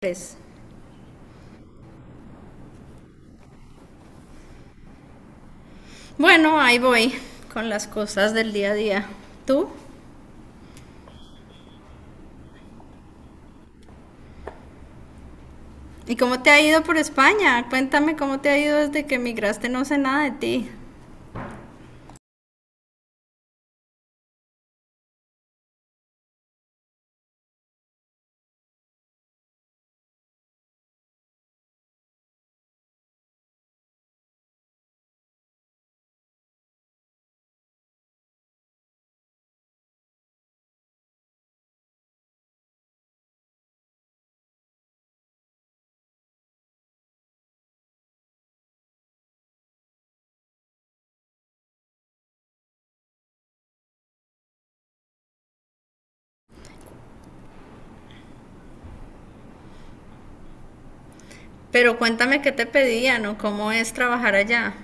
Tres. Bueno, ahí voy con las cosas del día a día. ¿Tú? ¿Y cómo te ha ido por España? Cuéntame cómo te ha ido desde que emigraste, no sé nada de ti. Pero cuéntame qué te pedían o cómo es trabajar allá.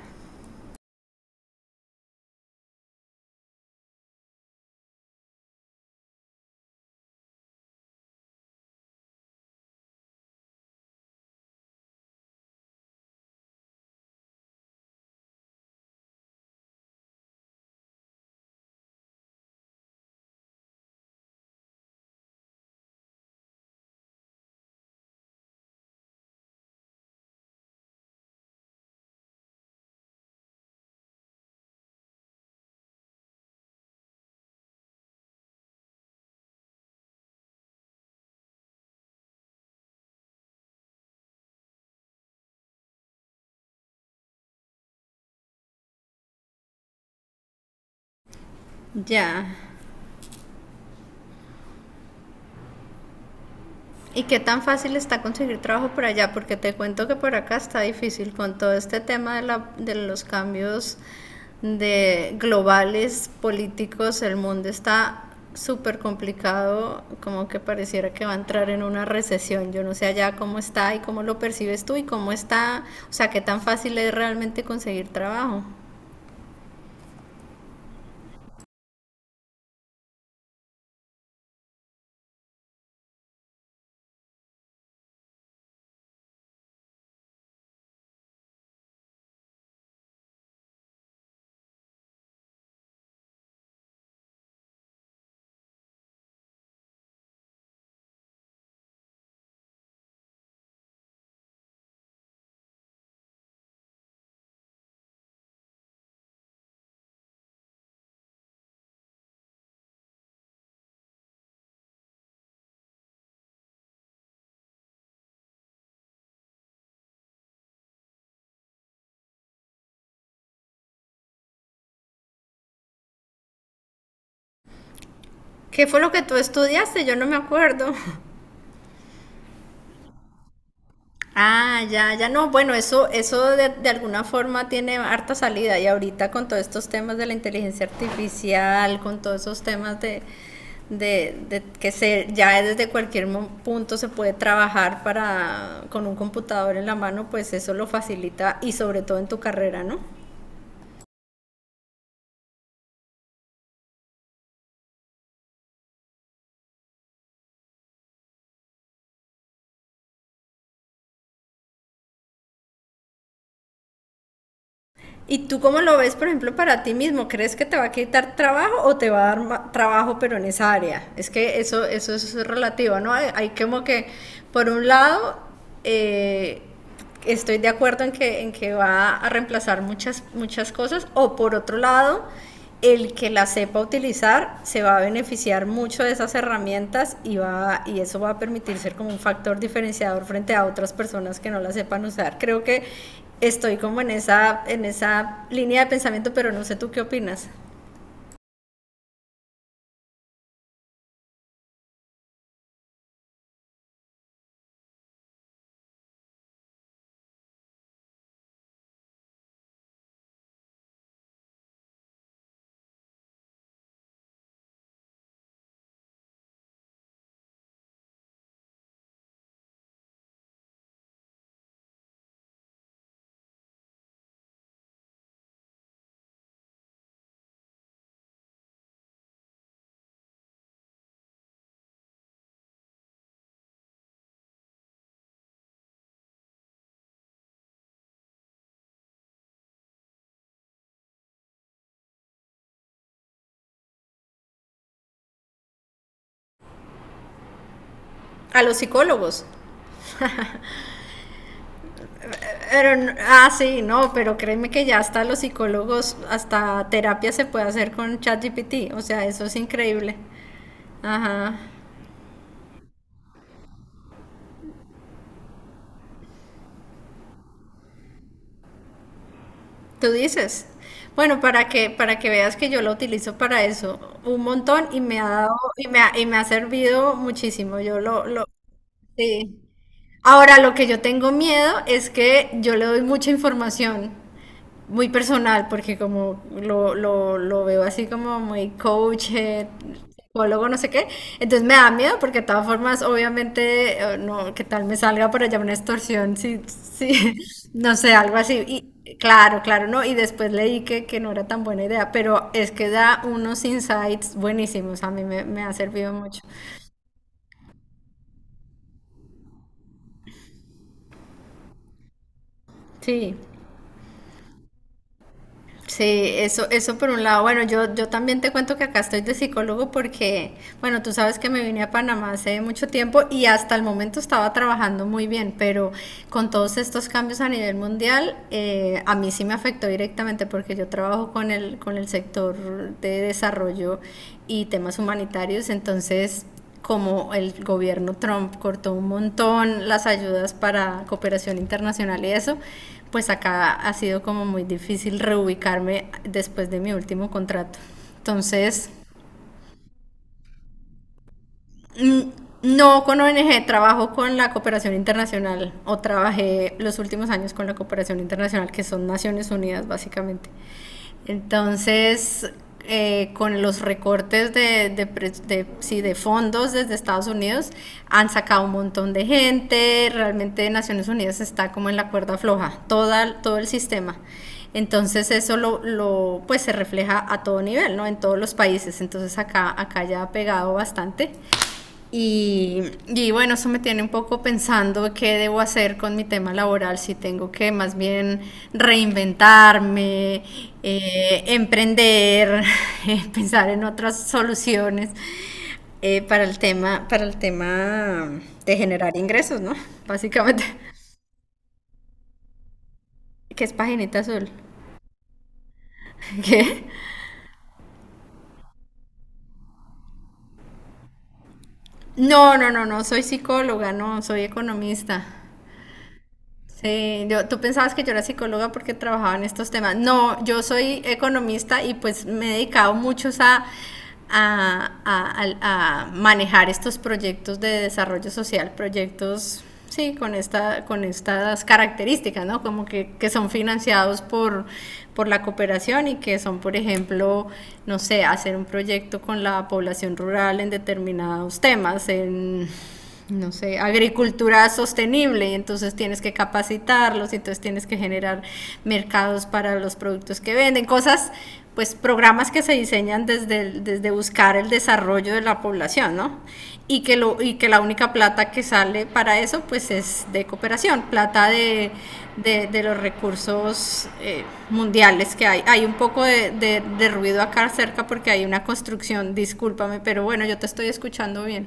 Ya. ¿Y qué tan fácil está conseguir trabajo por allá? Porque te cuento que por acá está difícil con todo este tema de los cambios de globales políticos. El mundo está súper complicado, como que pareciera que va a entrar en una recesión. Yo no sé allá cómo está y cómo lo percibes tú y cómo está, o sea, qué tan fácil es realmente conseguir trabajo. ¿Qué fue lo que tú estudiaste? Yo no me acuerdo. Ah, ya, ya no, bueno, eso de alguna forma tiene harta salida y ahorita con todos estos temas de la inteligencia artificial, con todos esos temas de que se, ya desde cualquier mo- punto se puede trabajar para, con un computador en la mano, pues eso lo facilita y sobre todo en tu carrera, ¿no? ¿Y tú cómo lo ves, por ejemplo, para ti mismo? ¿Crees que te va a quitar trabajo o te va a dar trabajo, pero en esa área? Es que eso es relativo, ¿no? Hay como que, por un lado, eh, estoy de acuerdo en que va a reemplazar muchas, muchas cosas, o por otro lado, el que la sepa utilizar se va a beneficiar mucho de esas herramientas y, va, y eso va a permitir ser como un factor diferenciador frente a otras personas que no la sepan usar. Creo que estoy como en esa línea de pensamiento, pero no sé tú qué opinas. A los psicólogos. Pero, ah, sí, no, pero créeme que ya hasta los psicólogos, hasta terapia se puede hacer con ChatGPT. O sea, eso es increíble. Ajá. Tú dices. Bueno, para que veas que yo lo utilizo para eso un montón y me ha dado, y me ha servido muchísimo. Sí. Ahora, lo que yo tengo miedo es que yo le doy mucha información muy personal, porque como lo veo así como muy coach, psicólogo, no sé qué, entonces me da miedo porque de todas formas, obviamente, no, qué tal me salga por allá una extorsión, sí, sí, no sé, algo así. Y claro, claro, no, y después leí que no era tan buena idea, pero es que da unos insights buenísimos, a mí me ha servido mucho. Sí. Sí, eso por un lado. Bueno, yo también te cuento que acá estoy de psicólogo porque, bueno, tú sabes que me vine a Panamá hace mucho tiempo y hasta el momento estaba trabajando muy bien, pero con todos estos cambios a nivel mundial, a mí sí me afectó directamente porque yo trabajo con el sector de desarrollo y temas humanitarios, entonces como el gobierno Trump cortó un montón las ayudas para cooperación internacional y eso, pues acá ha sido como muy difícil reubicarme después de mi último contrato. Entonces, mm, no con ONG, trabajo con la cooperación internacional o trabajé los últimos años con la cooperación internacional, que son Naciones Unidas básicamente. Entonces, con los recortes de sí, de fondos desde Estados Unidos, han sacado un montón de gente, realmente Naciones Unidas está como en la cuerda floja, toda, todo el sistema. Entonces pues se refleja a todo nivel, ¿no? En todos los países. Entonces acá ya ha pegado bastante. Bueno, eso me tiene un poco pensando qué debo hacer con mi tema laboral, si tengo que más bien reinventarme, emprender, pensar en otras soluciones para el tema de generar ingresos, ¿no? Básicamente. ¿Qué es paginita azul? ¿Qué? No, no, no, no, soy psicóloga, no, soy economista. Sí, yo- tú pensabas que yo era psicóloga porque trabajaba en estos temas. No, yo soy economista y pues me he dedicado muchos a, a manejar estos proyectos de desarrollo social, proyectos, sí, con esta, con estas características, ¿no? Como que son financiados por la cooperación y que son, por ejemplo, no sé, hacer un proyecto con la población rural en determinados temas, en no sé, agricultura sostenible, y entonces tienes que capacitarlos, y entonces tienes que generar mercados para los productos que venden, cosas, pues programas que se diseñan desde, desde buscar el desarrollo de la población, ¿no? Y que, lo, y que la única plata que sale para eso, pues es de cooperación, plata de los recursos mundiales que hay. Hay un poco de ruido acá cerca porque hay una construcción, discúlpame, pero bueno, yo te estoy escuchando bien.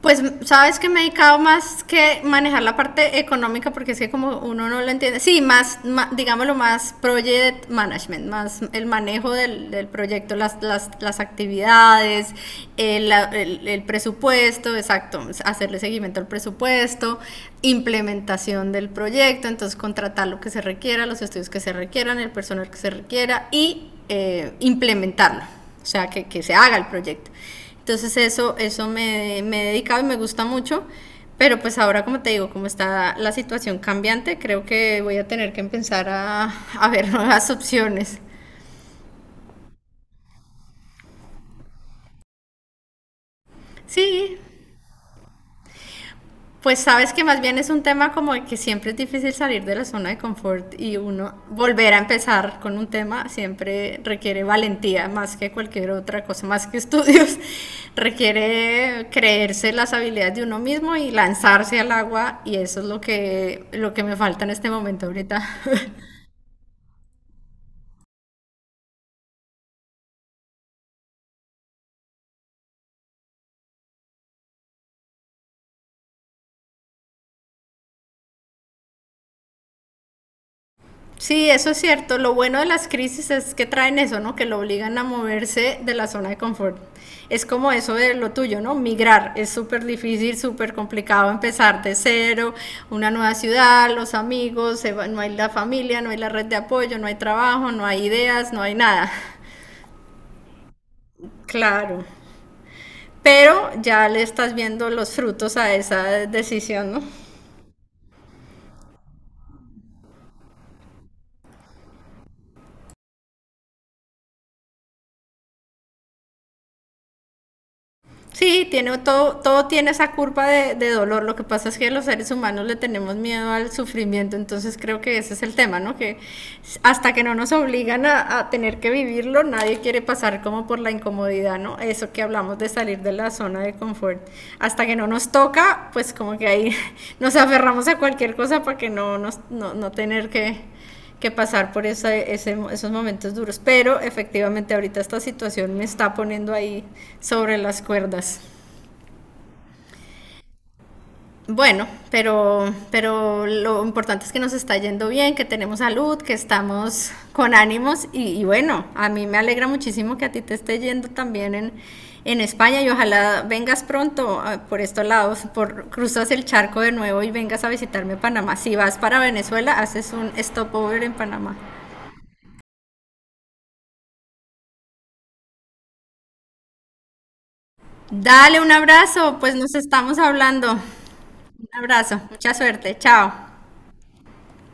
Pues sabes que me he dedicado más que manejar la parte económica porque es que como uno no lo entiende, sí, más, ma- digámoslo más project management, más el manejo del, del proyecto, las actividades, el presupuesto, exacto, hacerle seguimiento al presupuesto, implementación del proyecto, entonces contratar lo que se requiera, los estudios que se requieran, el personal que se requiera y implementarlo o sea, que se haga el proyecto. Entonces eso, eso me he dedicado y me gusta mucho, pero pues ahora como te digo, como está la situación cambiante, creo que voy a tener que empezar a ver nuevas opciones. Sí, pues sabes que más bien es un tema como de que siempre es difícil salir de la zona de confort y uno volver a empezar con un tema siempre requiere valentía más que cualquier otra cosa, más que estudios, requiere creerse las habilidades de uno mismo y lanzarse al agua y eso es lo que me falta en este momento ahorita. Sí, eso es cierto. Lo bueno de las crisis es que traen eso, ¿no? Que lo obligan a moverse de la zona de confort. Es como eso de lo tuyo, ¿no? Migrar es súper difícil, súper complicado empezar de cero, una nueva ciudad, los amigos, se va- no hay la familia, no hay la red de apoyo, no hay trabajo, no hay ideas, no hay nada. Claro. Pero ya le estás viendo los frutos a esa decisión, ¿no? Sí, tiene todo, todo tiene esa curva de dolor. Lo que pasa es que los seres humanos le tenemos miedo al sufrimiento, entonces creo que ese es el tema, ¿no? Que hasta que no nos obligan a tener que vivirlo, nadie quiere pasar como por la incomodidad, ¿no? Eso confort, que hablamos de salir de la zona de confort. Hasta que no nos toca, pues como que ahí nos aferramos a cualquier cosa para que no, nos, no, no tener que pasar por esa, ese, esos momentos duros. Pero efectivamente ahorita esta situación me está poniendo ahí sobre las cuerdas. Bueno, pero lo importante es que nos está yendo bien, que tenemos salud, que estamos con ánimos y bueno, a mí me alegra muchísimo que a ti te esté yendo también en España y ojalá vengas pronto ah, por estos lados, por, cruzas el charco de nuevo y vengas a visitarme a Panamá. Si vas para Venezuela, haces un stopover en Panamá. Dale un abrazo, pues nos estamos hablando. Un abrazo, mucha suerte, chao.